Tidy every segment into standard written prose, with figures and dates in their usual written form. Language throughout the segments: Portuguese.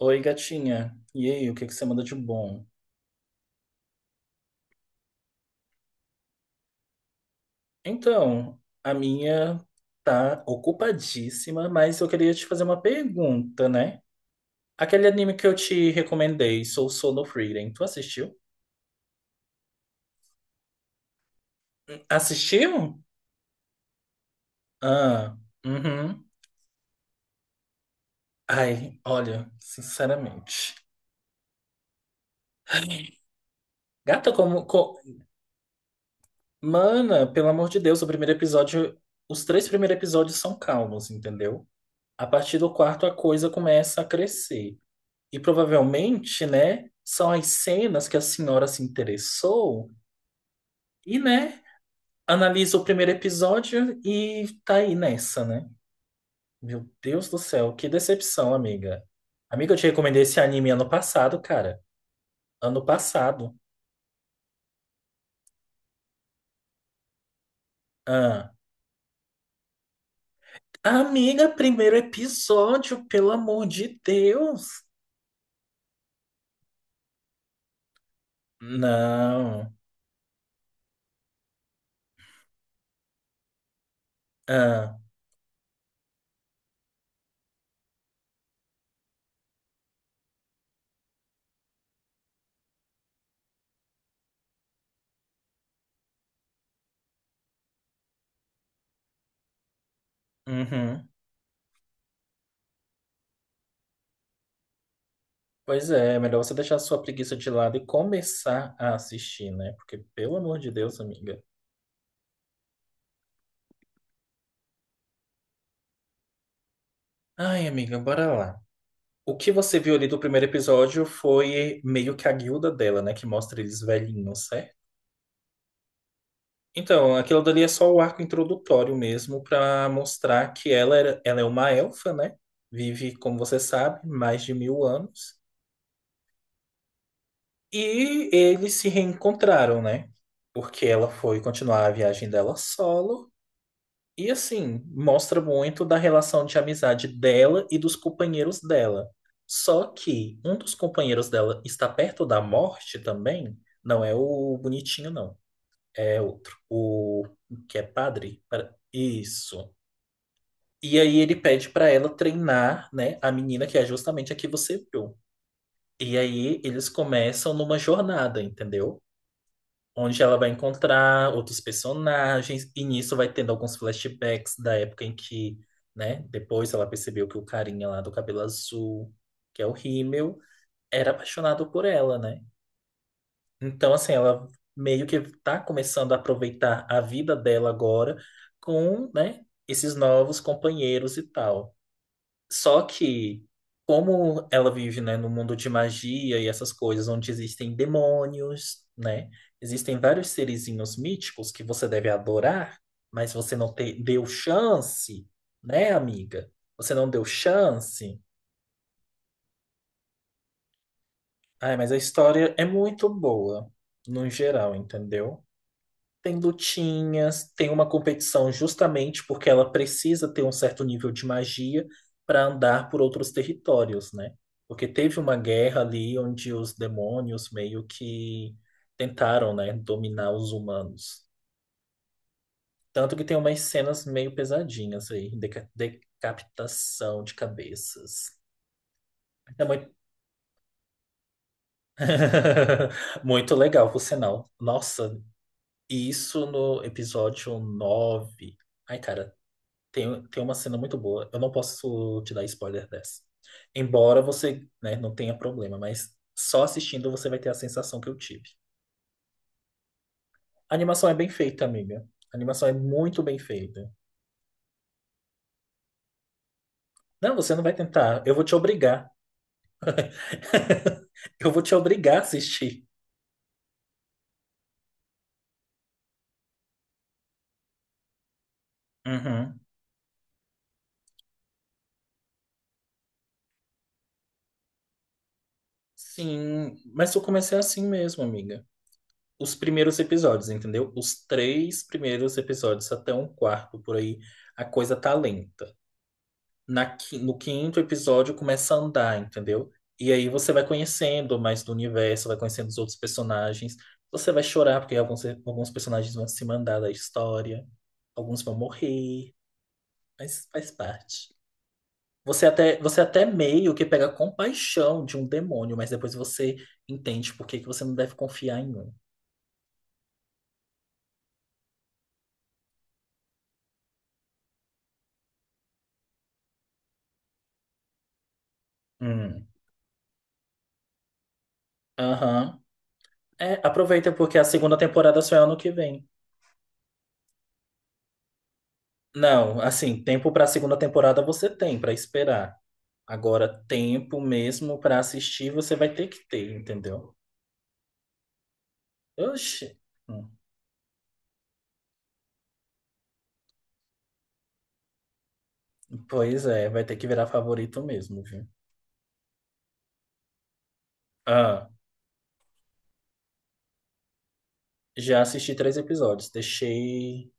Oi, gatinha. E aí, o que que você manda de bom? Então, a minha tá ocupadíssima, mas eu queria te fazer uma pergunta, né? Aquele anime que eu te recomendei, Soul Solo Freedom, tu assistiu? Assistiu? Ah, uhum. Ai, olha, sinceramente. Gata, mana, pelo amor de Deus, o primeiro episódio. Os três primeiros episódios são calmos, entendeu? A partir do quarto, a coisa começa a crescer. E provavelmente, né, são as cenas que a senhora se interessou e, né, analisa o primeiro episódio e tá aí nessa, né? Meu Deus do céu, que decepção, amiga. Amiga, eu te recomendei esse anime ano passado, cara. Ano passado. Ah. Amiga, primeiro episódio, pelo amor de Deus. Não. Ah. Uhum. Pois é, é melhor você deixar a sua preguiça de lado e começar a assistir, né? Porque, pelo amor de Deus, amiga. Ai, amiga, bora lá. O que você viu ali do primeiro episódio foi meio que a guilda dela, né? Que mostra eles velhinhos, certo? Então, aquilo dali é só o arco introdutório mesmo pra mostrar que ela, era, ela é uma elfa, né? Vive, como você sabe, mais de mil anos. E eles se reencontraram, né? Porque ela foi continuar a viagem dela solo. E assim, mostra muito da relação de amizade dela e dos companheiros dela. Só que um dos companheiros dela está perto da morte também. Não é o bonitinho, não. É outro. O que é padre? Isso. E aí ele pede para ela treinar, né, a menina que é justamente a que você viu. E aí eles começam numa jornada, entendeu? Onde ela vai encontrar outros personagens, e nisso vai tendo alguns flashbacks da época em que, né, depois ela percebeu que o carinha lá do cabelo azul, que é o Himmel, era apaixonado por ela, né? Então, assim, ela meio que tá começando a aproveitar a vida dela agora com, né, esses novos companheiros e tal. Só que, como ela vive, né, no mundo de magia e essas coisas, onde existem demônios, né? Existem vários serizinhos míticos que você deve adorar, mas você não deu chance, né, amiga? Você não deu chance. Ai, mas a história é muito boa, no geral, entendeu? Tem lutinhas, tem uma competição justamente porque ela precisa ter um certo nível de magia para andar por outros territórios, né? Porque teve uma guerra ali onde os demônios meio que tentaram, né, dominar os humanos. Tanto que tem umas cenas meio pesadinhas aí, decapitação de cabeças. É muito muito legal, por sinal. Nossa, isso no episódio nove. Ai, cara, tem uma cena muito boa. Eu não posso te dar spoiler dessa. Embora você, né, não tenha problema, mas só assistindo você vai ter a sensação que eu tive. A animação é bem feita, amiga. A animação é muito bem feita. Não, você não vai tentar. Eu vou te obrigar. Eu vou te obrigar a assistir. Uhum. Sim, mas eu comecei assim mesmo, amiga. Os primeiros episódios, entendeu? Os três primeiros episódios até um quarto por aí, a coisa tá lenta. No quinto episódio começa a andar, entendeu? E aí você vai conhecendo mais do universo, vai conhecendo os outros personagens. Você vai chorar, porque alguns personagens vão se mandar da história, alguns vão morrer, mas faz parte. Você até meio que pega compaixão de um demônio, mas depois você entende por que que você não deve confiar em um. Hum. Aham. É, aproveita porque a segunda temporada só é ano que vem. Não, assim, tempo pra segunda temporada você tem pra esperar. Agora, tempo mesmo para assistir você vai ter que ter, entendeu? Oxi. Hum. Pois é, vai ter que virar favorito mesmo, viu? Ah, já assisti três episódios, deixei.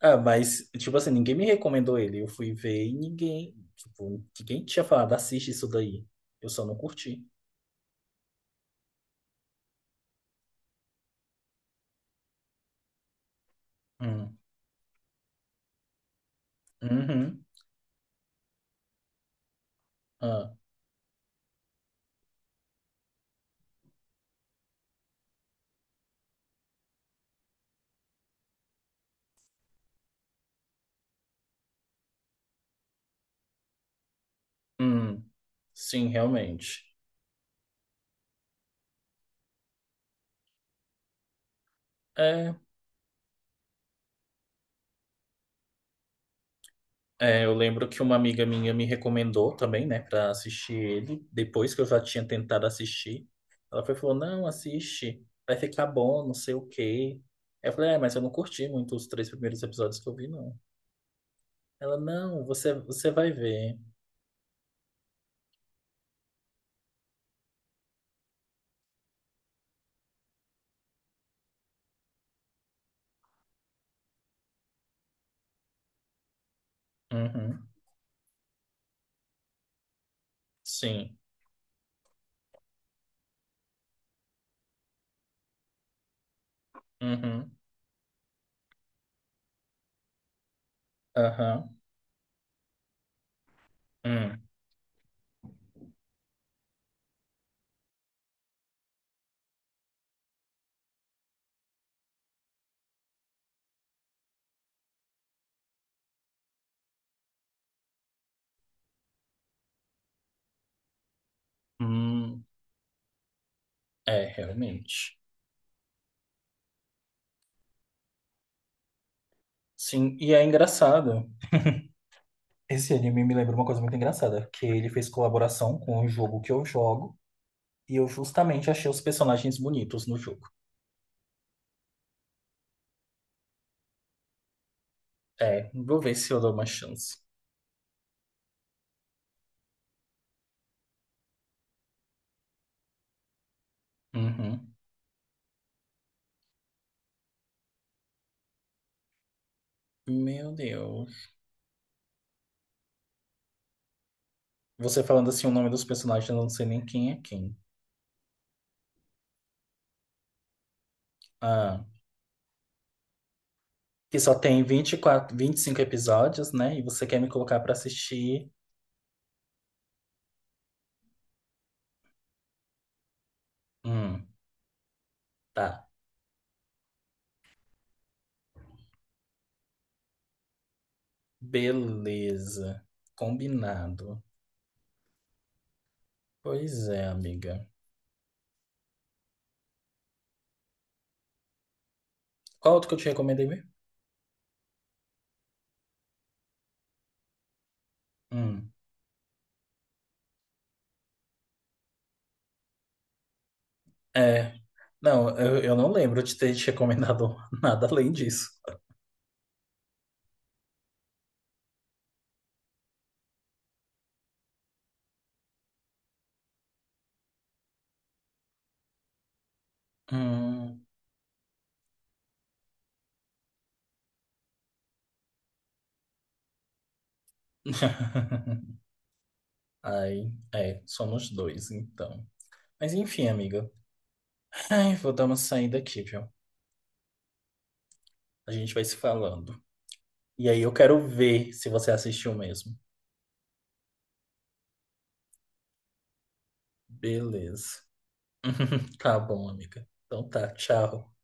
Ah, mas, tipo assim, ninguém me recomendou ele. Eu fui ver e ninguém. Tipo, ninguém tinha falado, assiste isso daí. Eu só não curti. Hum. Uhum. Ah. Hum. Sim, realmente. É. É, eu lembro que uma amiga minha me recomendou também, né, para assistir ele, depois que eu já tinha tentado assistir. Ela foi e falou: "Não, assiste, vai ficar bom, não sei o quê". Aí eu falei: "É, mas eu não curti muito os três primeiros episódios que eu vi, não". Ela: "Não, você vai ver". Uhum. Sim. Uhum. Aham. Hum. Hum. É, realmente. Sim, e é engraçado. Esse anime me lembra uma coisa muito engraçada, que ele fez colaboração com um jogo que eu jogo. E eu justamente achei os personagens bonitos no jogo. É, vou ver se eu dou uma chance. Uhum. Meu Deus. Você falando assim o nome dos personagens, eu não sei nem quem é quem. Ah, que só tem 20 24 25 episódios, né? E você quer me colocar pra assistir. Hum, tá. Beleza. Combinado. Pois é, amiga. Qual outro que eu te recomendei mesmo? Hum, é. Não, eu não lembro de ter te recomendado nada além disso. Hum. Ai, é, somos dois, então. Mas enfim, amiga. Ai, vou dar uma saída aqui, viu? A gente vai se falando. E aí eu quero ver se você assistiu mesmo. Beleza. Tá bom, amiga. Então tá, tchau.